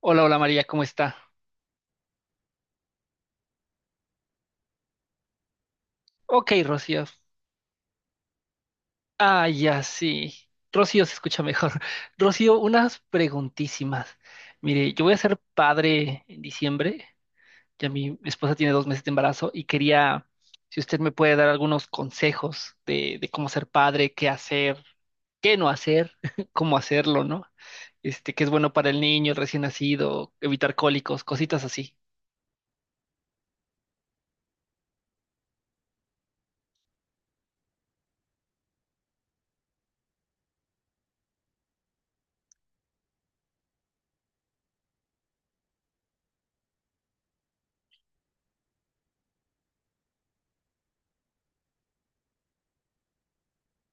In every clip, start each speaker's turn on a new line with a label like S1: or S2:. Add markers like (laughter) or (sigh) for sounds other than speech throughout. S1: Hola, hola María, ¿cómo está? Ok, Rocío. Ah, ya sí. Rocío se escucha mejor. (laughs) Rocío, unas preguntísimas. Mire, yo voy a ser padre en diciembre. Ya mi esposa tiene dos meses de embarazo y quería, si usted me puede dar algunos consejos de cómo ser padre, qué hacer, qué no hacer, (laughs) cómo hacerlo, ¿no? Qué es bueno para el niño, el recién nacido, evitar cólicos, cositas así.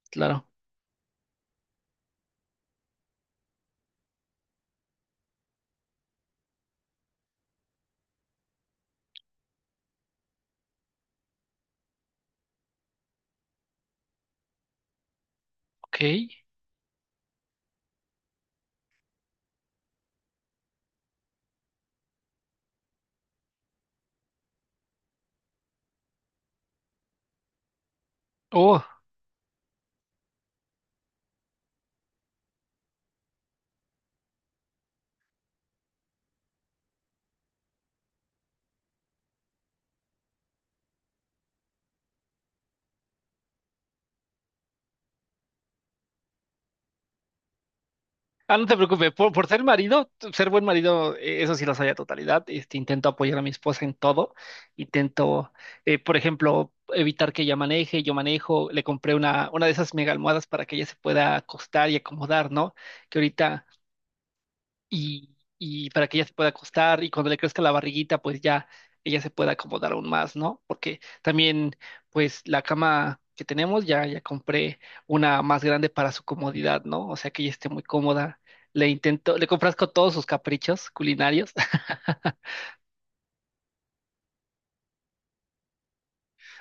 S1: Claro. Ok. Oh. Ah, no te preocupes, por ser marido, ser buen marido, eso sí lo soy a totalidad. Intento apoyar a mi esposa en todo. Intento, por ejemplo, evitar que ella maneje, yo manejo. Le compré una de esas mega almohadas para que ella se pueda acostar y acomodar, ¿no? Que ahorita y, y para que ella se pueda acostar y cuando le crezca la barriguita, pues ya ella se pueda acomodar aún más, ¿no? Porque también, pues la cama que tenemos, ya compré una más grande para su comodidad, ¿no? O sea que ella esté muy cómoda. Le complazco todos sus caprichos culinarios. (laughs)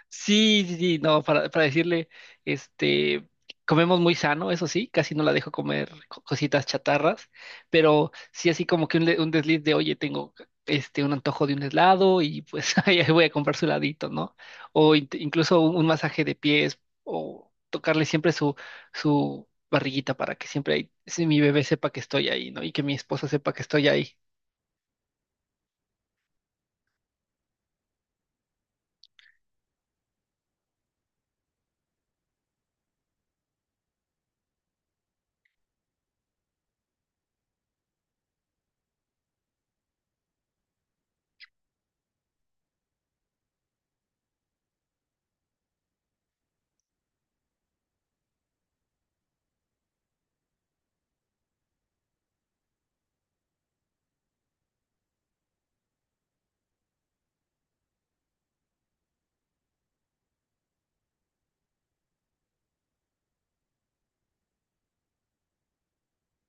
S1: Sí, sí, sí, no, para decirle, este, comemos muy sano, eso sí, casi no la dejo comer cositas chatarras, pero sí así como que un desliz de, oye, tengo un antojo de un helado y pues (laughs) ahí voy a comprar su heladito, ¿no? O incluso un masaje de pies o tocarle siempre su barriguita para que siempre ahí, si mi bebé sepa que estoy ahí, ¿no? Y que mi esposa sepa que estoy ahí.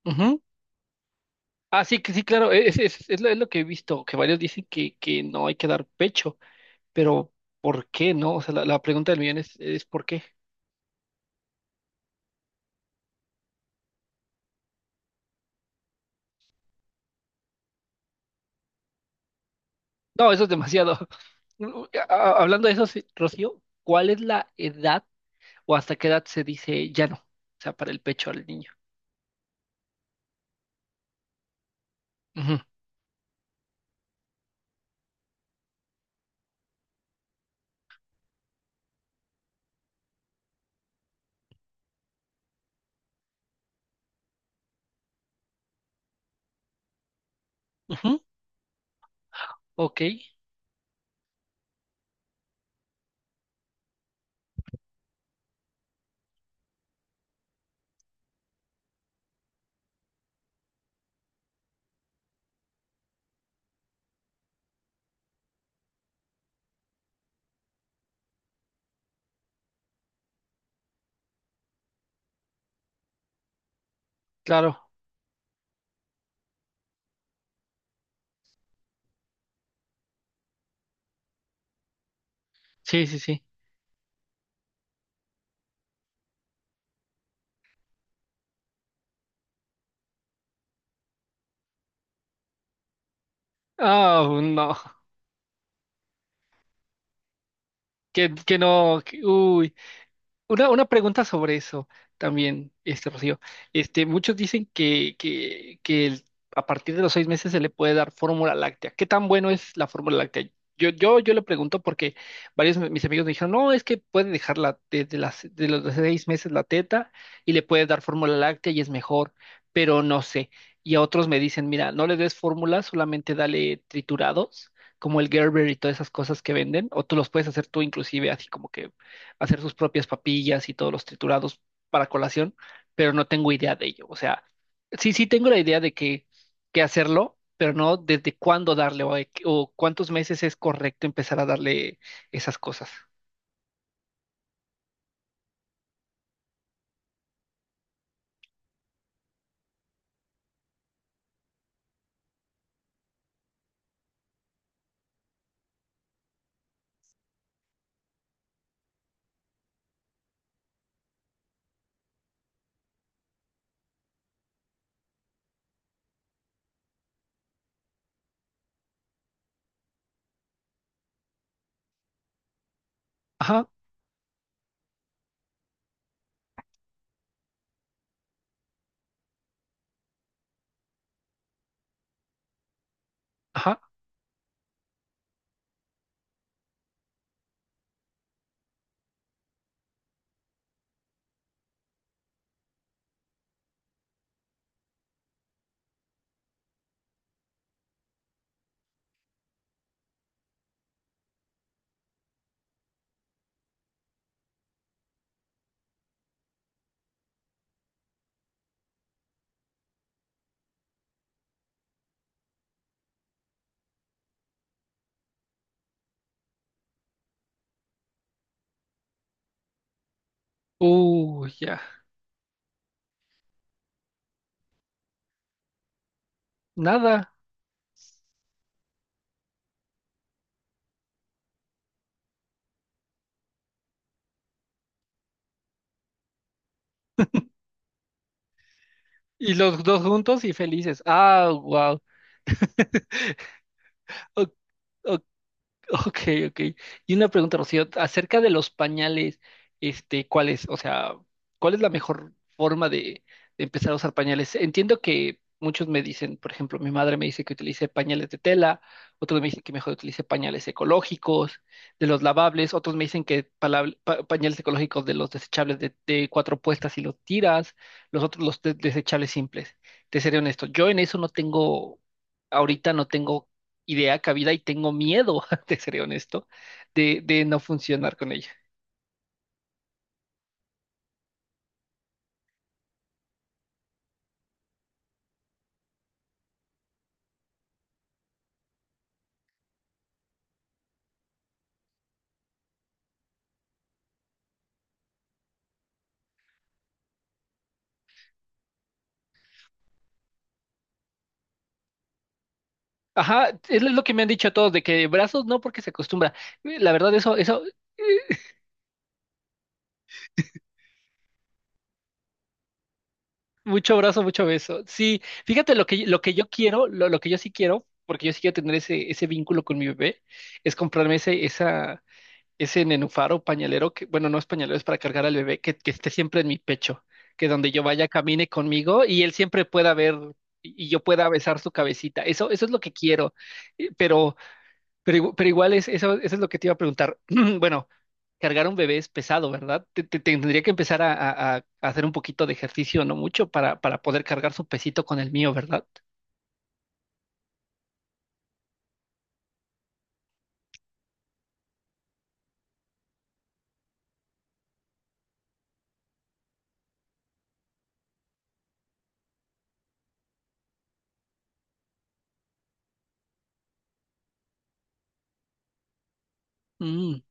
S1: Ujú. Ah, sí, que sí, claro, es lo que he visto, que varios dicen que no hay que dar pecho, pero ¿por qué no? O sea, la pregunta del millón es ¿por qué? No, eso es demasiado. (laughs) Hablando de eso, sí, Rocío, ¿cuál es la edad o hasta qué edad se dice ya no? O sea, para el pecho al niño. Ujú, ujú, ok, claro. Sí, sí, sí. Ah, no. Que no. Uy. Una pregunta sobre eso también, este Rocío. Muchos dicen que a partir de los seis meses se le puede dar fórmula láctea. ¿Qué tan bueno es la fórmula láctea? Yo le pregunto porque varios de mis amigos me dijeron, no, es que puede dejar de los seis meses la teta y le puede dar fórmula láctea y es mejor, pero no sé. Y a otros me dicen, mira, no le des fórmula, solamente dale triturados, como el Gerber y todas esas cosas que venden, o tú los puedes hacer tú inclusive así como que hacer sus propias papillas y todos los triturados para colación, pero no tengo idea de ello. O sea, sí, sí tengo la idea de que hacerlo, pero no desde cuándo darle o cuántos meses es correcto empezar a darle esas cosas. Ajá, ajá. Uy, ya. Nada. Y los dos juntos y felices. Ah, wow. Ok, ok. Y una pregunta, Rocío, acerca de los pañales, ¿cuál es? O sea, ¿cuál es la mejor forma de empezar a usar pañales? Entiendo que muchos me dicen, por ejemplo, mi madre me dice que utilice pañales de tela, otros me dicen que mejor utilice pañales ecológicos, de los lavables, otros me dicen que pañales ecológicos de los desechables de cuatro puestas y los tiras, los otros los desechables simples. Te seré honesto, yo en eso no tengo, ahorita no tengo idea cabida y tengo miedo, (laughs) te seré honesto, de no funcionar con ella. Ajá, es lo que me han dicho todos, de que brazos no porque se acostumbra. La verdad, eh, mucho brazo, mucho beso. Sí, fíjate lo que yo quiero, lo que yo sí quiero, porque yo sí quiero tener ese vínculo con mi bebé, es comprarme ese nenúfar o pañalero que, bueno, no es pañalero, es para cargar al bebé, que esté siempre en mi pecho, que donde yo vaya camine conmigo y él siempre pueda ver, y yo pueda besar su cabecita. Eso es lo que quiero. Eh, Pero, pero igual es, eso es lo que te iba a preguntar. (clears throat) Bueno, cargar un bebé es pesado, ¿verdad? Tendría que empezar a hacer un poquito de ejercicio, no mucho, para poder cargar su pesito con el mío, ¿verdad? Mm,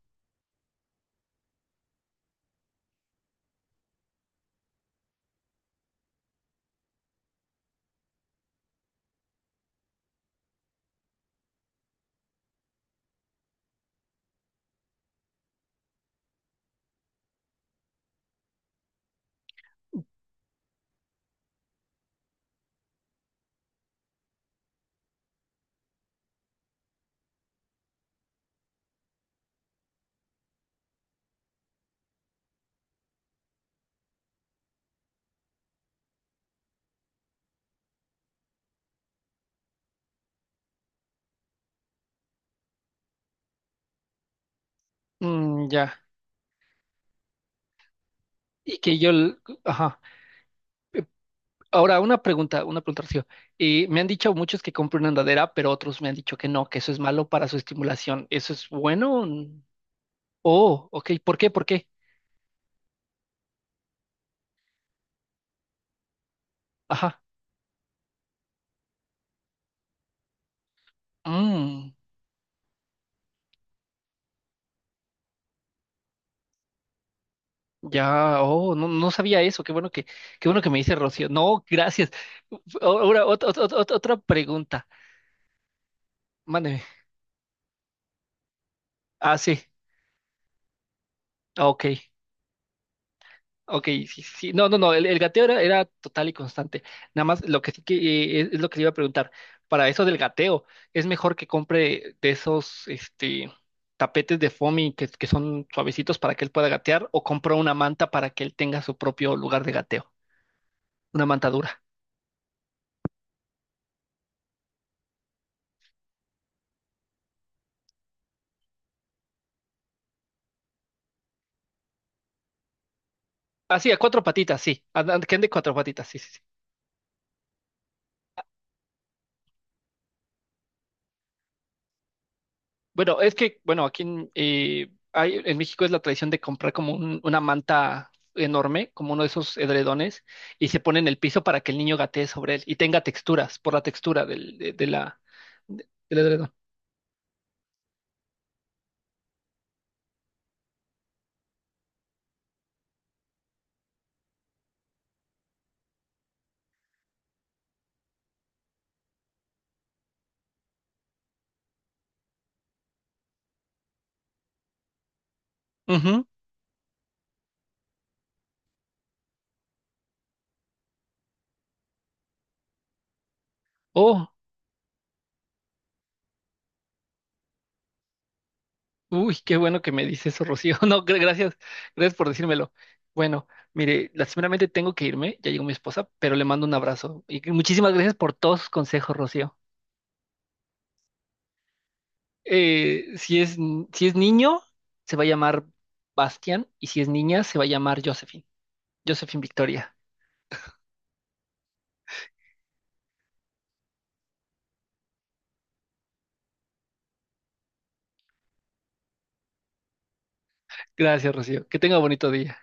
S1: mm, ya. Y que yo, ajá. Ahora, una pregunta, Rocío. Y me han dicho muchos que compre una andadera, pero otros me han dicho que no, que eso es malo para su estimulación. ¿Eso es bueno? Mm. Oh, ok. ¿Por qué? ¿Por qué? Ajá. Mm, ya, oh, no, no sabía eso. Qué bueno qué bueno que me dice Rocío. No, gracias. Ahora, otra pregunta. Mándeme. Ah, sí. Ah, ok. Ok, sí, sí. No, no, no, el gateo era, era total y constante. Nada más lo que sí que es lo que le iba a preguntar. Para eso del gateo, ¿es mejor que compre de esos tapetes de foamy que son suavecitos para que él pueda gatear, o compro una manta para que él tenga su propio lugar de gateo? Una manta dura. Ah, sí, a cuatro patitas, sí. Que ande cuatro patitas, sí, sí, sí. Bueno, es que, bueno, en México es la tradición de comprar como una manta enorme, como uno de esos edredones, y se pone en el piso para que el niño gatee sobre él y tenga texturas, por la textura de la, del edredón. Ujú. Oh, uy, qué bueno que me dice eso, Rocío. (laughs) No, gracias, gracias por decírmelo. Bueno, mire, lastimeramente tengo que irme, ya llegó mi esposa, pero le mando un abrazo. Y muchísimas gracias por todos sus consejos, Rocío. Eh, si es, si es niño, se va a llamar Bastian, y si es niña, se va a llamar Josephine. Josephine Victoria. Gracias, Rocío. Que tenga bonito día.